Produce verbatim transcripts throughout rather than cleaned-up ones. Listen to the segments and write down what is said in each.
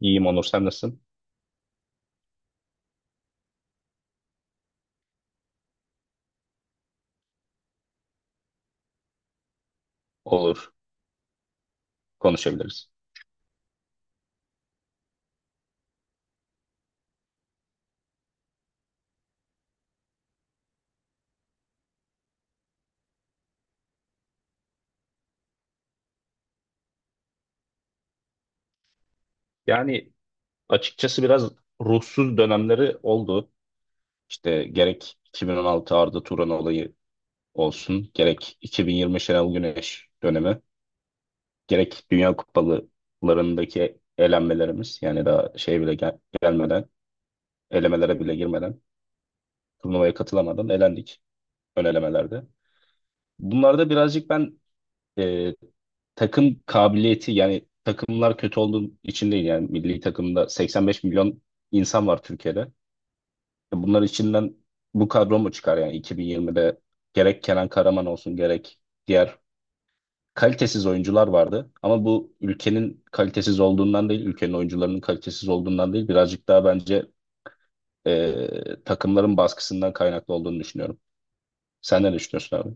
İyiyim Onur, sen nasılsın? Olur, konuşabiliriz. Yani açıkçası biraz ruhsuz dönemleri oldu. İşte gerek iki bin on altı Arda Turan olayı olsun, gerek iki bin yirmi Şenol Güneş dönemi, gerek Dünya Kupalarındaki elenmelerimiz, yani daha şey bile gel- gelmeden, elemelere bile girmeden, turnuvaya katılamadan elendik ön elemelerde. Bunlarda birazcık ben takım kabiliyeti yani takımlar kötü olduğu için değil, yani milli takımda 85 milyon insan var Türkiye'de. E Bunlar içinden bu kadro mu çıkar yani? iki bin yirmide gerek Kenan Karaman olsun, gerek diğer kalitesiz oyuncular vardı. Ama bu ülkenin kalitesiz olduğundan değil, ülkenin oyuncularının kalitesiz olduğundan değil, birazcık daha bence e, takımların baskısından kaynaklı olduğunu düşünüyorum. Sen ne düşünüyorsun abi?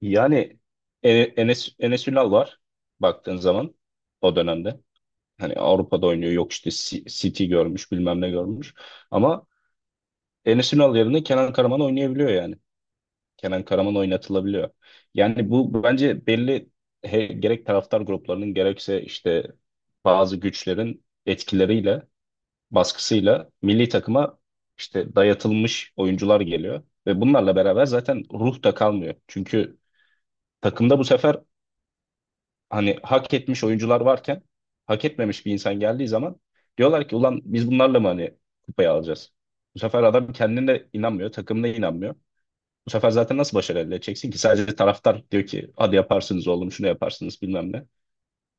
Yani e, Enes, Enes Ünal var baktığın zaman o dönemde. Hani Avrupa'da oynuyor, yok işte C- City görmüş, bilmem ne görmüş. Ama Enes Ünal yerine Kenan Karaman oynayabiliyor yani. Kenan Karaman oynatılabiliyor. Yani bu bu bence belli, he- gerek taraftar gruplarının gerekse işte bazı güçlerin etkileriyle, baskısıyla milli takıma işte dayatılmış oyuncular geliyor. Ve bunlarla beraber zaten ruh da kalmıyor. Çünkü takımda bu sefer hani hak etmiş oyuncular varken hak etmemiş bir insan geldiği zaman diyorlar ki ulan biz bunlarla mı hani kupayı alacağız? Bu sefer adam kendine inanmıyor, takımına inanmıyor. Bu sefer zaten nasıl başarı elde edeceksin ki? Sadece taraftar diyor ki hadi yaparsınız oğlum şunu, yaparsınız bilmem ne.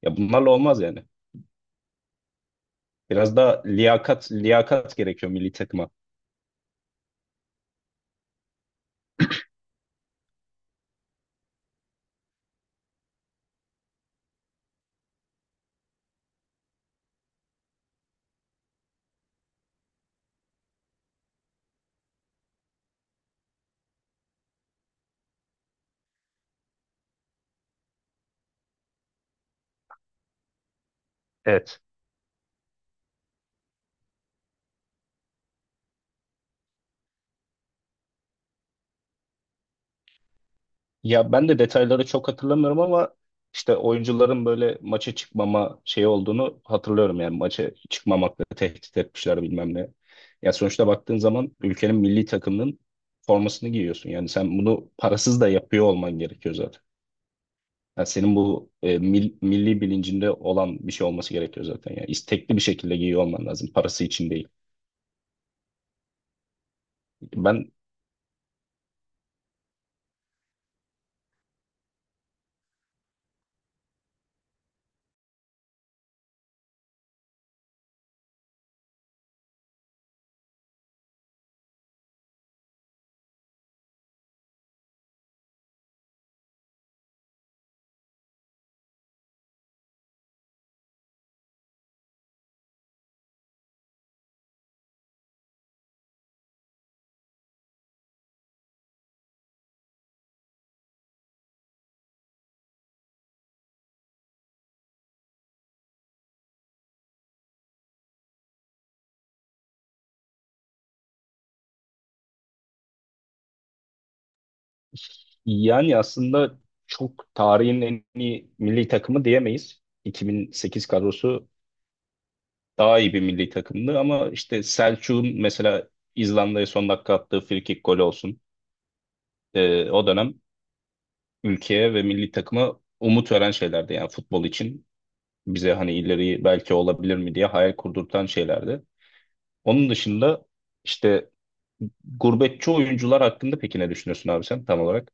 Ya bunlarla olmaz yani. Biraz daha liyakat, liyakat gerekiyor milli takıma. Evet. Ya ben de detayları çok hatırlamıyorum ama işte oyuncuların böyle maça çıkmama şey olduğunu hatırlıyorum, yani maça çıkmamakla tehdit etmişler bilmem ne. Ya sonuçta baktığın zaman ülkenin milli takımının formasını giyiyorsun. Yani sen bunu parasız da yapıyor olman gerekiyor zaten. Yani senin bu e, mil- milli bilincinde olan bir şey olması gerekiyor zaten. Yani istekli bir şekilde giyiyor olman lazım. Parası için değil. Ben Yani aslında çok tarihin en iyi milli takımı diyemeyiz. iki bin sekiz kadrosu daha iyi bir milli takımdı, ama işte Selçuk'un mesela İzlanda'ya son dakika attığı frikik golü olsun. Ee, o dönem ülkeye ve milli takıma umut veren şeylerdi, yani futbol için bize hani ileri belki olabilir mi diye hayal kurdurtan şeylerdi. Onun dışında işte gurbetçi oyuncular hakkında peki ne düşünüyorsun abi sen tam olarak?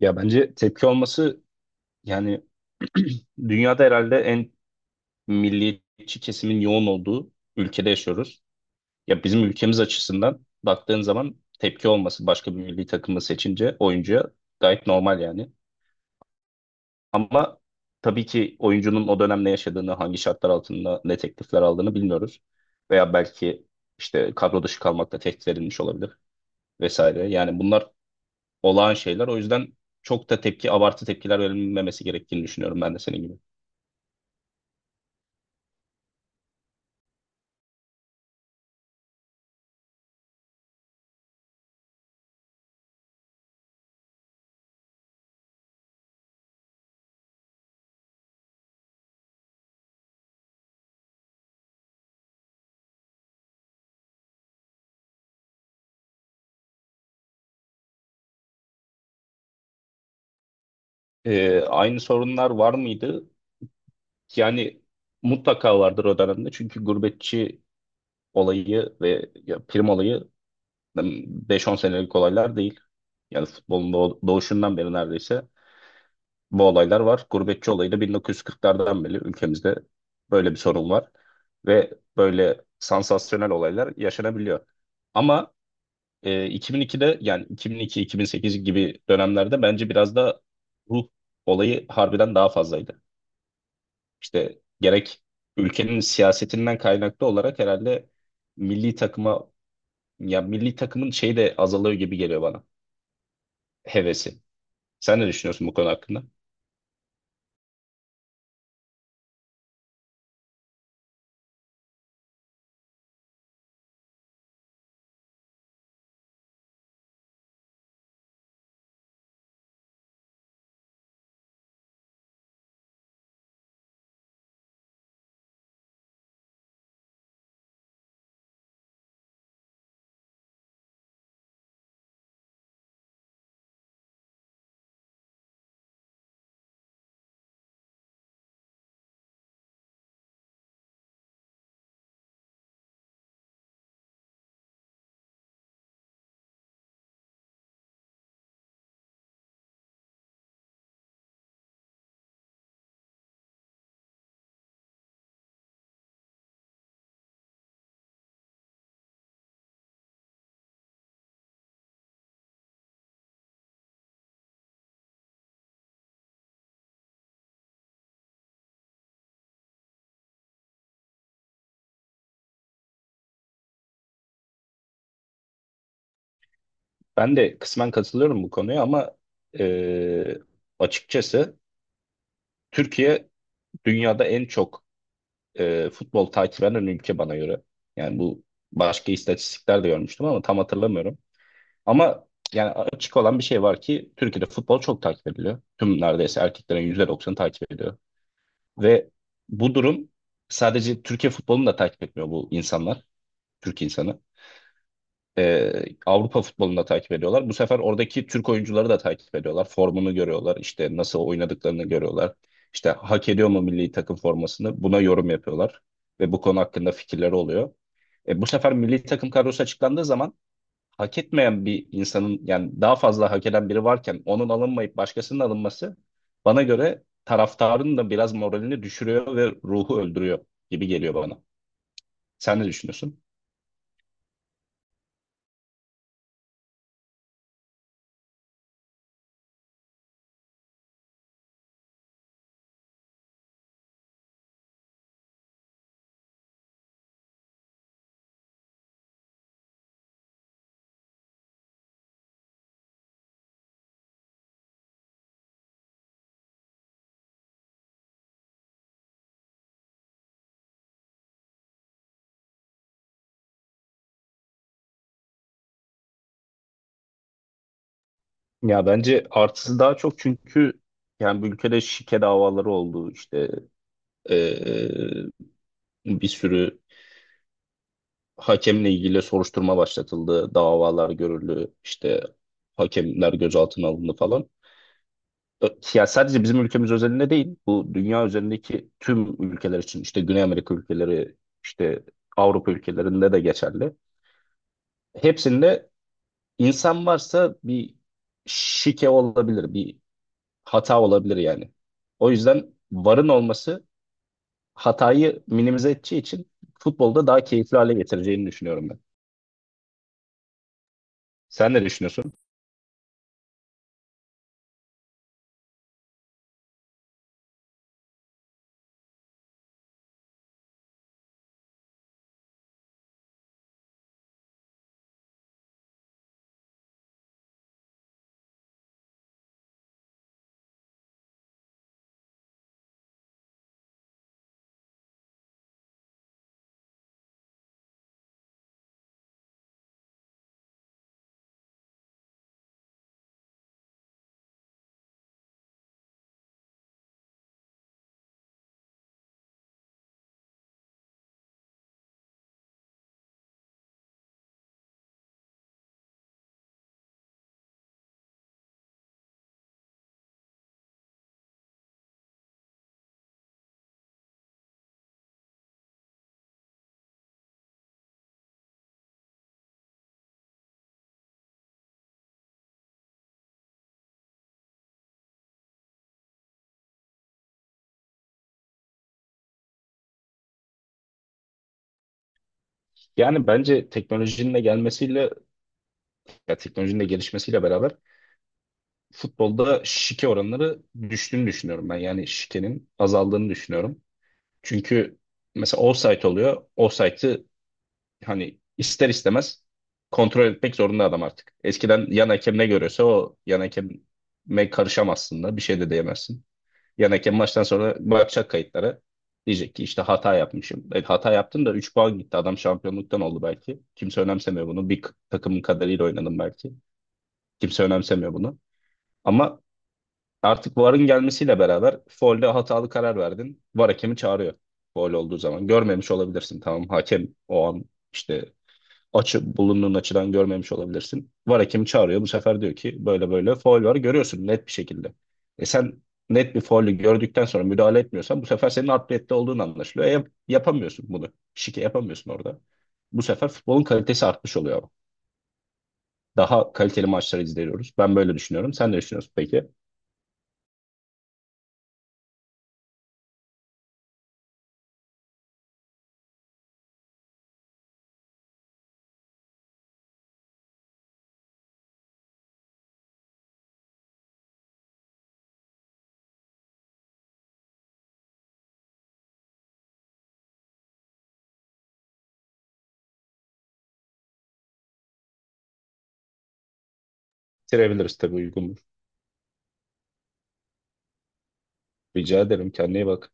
Ya bence tepki olması, yani dünyada herhalde en milliyetçi kesimin yoğun olduğu ülkede yaşıyoruz. Ya bizim ülkemiz açısından baktığın zaman tepki olması başka bir milli takımı seçince oyuncuya gayet normal yani. Ama tabii ki oyuncunun o dönem ne yaşadığını, hangi şartlar altında ne teklifler aldığını bilmiyoruz. Veya belki işte kadro dışı kalmakla tehdit edilmiş olabilir vesaire. Yani bunlar olağan şeyler. O yüzden çok da tepki, abartı tepkiler verilmemesi gerektiğini düşünüyorum ben de senin gibi. Ee, aynı sorunlar var mıydı? Yani mutlaka vardır o dönemde. Çünkü gurbetçi olayı ve ya prim olayı beş on senelik olaylar değil. Yani futbolun doğ- doğuşundan beri neredeyse bu olaylar var. Gurbetçi olayı da bin dokuz yüz kırklardan beri ülkemizde böyle bir sorun var. Ve böyle sansasyonel olaylar yaşanabiliyor. Ama e, iki bin ikide, yani iki bin iki-iki bin sekiz gibi dönemlerde bence biraz da ruh olayı harbiden daha fazlaydı. İşte gerek ülkenin siyasetinden kaynaklı olarak herhalde milli takıma. Ya milli takımın şeyi de azalıyor gibi geliyor bana. Hevesi. Sen ne düşünüyorsun bu konu hakkında? Ben de kısmen katılıyorum bu konuya, ama e, açıkçası Türkiye dünyada en çok e, futbol takip eden ülke bana göre. Yani bu, başka istatistikler de görmüştüm ama tam hatırlamıyorum. Ama yani açık olan bir şey var ki Türkiye'de futbol çok takip ediliyor. Tüm neredeyse erkeklerin yüzde doksanı takip ediyor. Ve bu durum, sadece Türkiye futbolunu da takip etmiyor bu insanlar. Türk insanı. e, Avrupa futbolunu da takip ediyorlar. Bu sefer oradaki Türk oyuncuları da takip ediyorlar. Formunu görüyorlar. İşte nasıl oynadıklarını görüyorlar. İşte hak ediyor mu milli takım formasını? Buna yorum yapıyorlar. Ve bu konu hakkında fikirleri oluyor. E, bu sefer milli takım kadrosu açıklandığı zaman hak etmeyen bir insanın, yani daha fazla hak eden biri varken onun alınmayıp başkasının alınması bana göre taraftarın da biraz moralini düşürüyor ve ruhu öldürüyor gibi geliyor bana. Sen ne düşünüyorsun? Ya bence artısı daha çok, çünkü yani bu ülkede şike davaları oldu, işte eee, bir sürü hakemle ilgili soruşturma başlatıldı, davalar görüldü, işte hakemler gözaltına alındı falan. Ö- Ya sadece bizim ülkemiz özelinde değil, bu dünya üzerindeki tüm ülkeler için, işte Güney Amerika ülkeleri, işte Avrupa ülkelerinde de geçerli. Hepsinde insan varsa bir şike olabilir, bir hata olabilir yani. O yüzden VAR'ın olması hatayı minimize edeceği için futbolda daha keyifli hale getireceğini düşünüyorum ben. Sen ne düşünüyorsun? Yani bence teknolojinin de gelmesiyle, ya teknolojinin de gelişmesiyle beraber futbolda şike oranları düştüğünü düşünüyorum ben. Yani şikenin azaldığını düşünüyorum. Çünkü mesela offside oluyor. Offside'ı hani ister istemez kontrol etmek zorunda adam artık. Eskiden yan hakem ne görüyorsa, o yan hakem'e me karışamazsın da bir şey de diyemezsin. Yani hakem maçtan sonra bakacak kayıtlara. Diyecek ki işte hata yapmışım. E, hata yaptın da üç puan gitti. Adam şampiyonluktan oldu belki. Kimse önemsemiyor bunu. Bir k- takımın kadarıyla oynadım belki. Kimse önemsemiyor bunu. Ama artık VAR'ın gelmesiyle beraber faulde hatalı karar verdin. VAR hakemi çağırıyor. Faul olduğu zaman. Görmemiş olabilirsin. Tamam, hakem o an işte açı, bulunduğun açıdan görmemiş olabilirsin. VAR hakemi çağırıyor. Bu sefer diyor ki böyle böyle faul var, görüyorsun net bir şekilde. E sen net bir faulü gördükten sonra müdahale etmiyorsan bu sefer senin adliyette olduğun anlaşılıyor. E, yap- yapamıyorsun bunu. Şike yapamıyorsun orada. Bu sefer futbolun kalitesi artmış oluyor ama. Daha kaliteli maçları izliyoruz. Ben böyle düşünüyorum. Sen ne düşünüyorsun peki? Bitirebiliriz tabii, uygun. Rica ederim. Kendine iyi bak.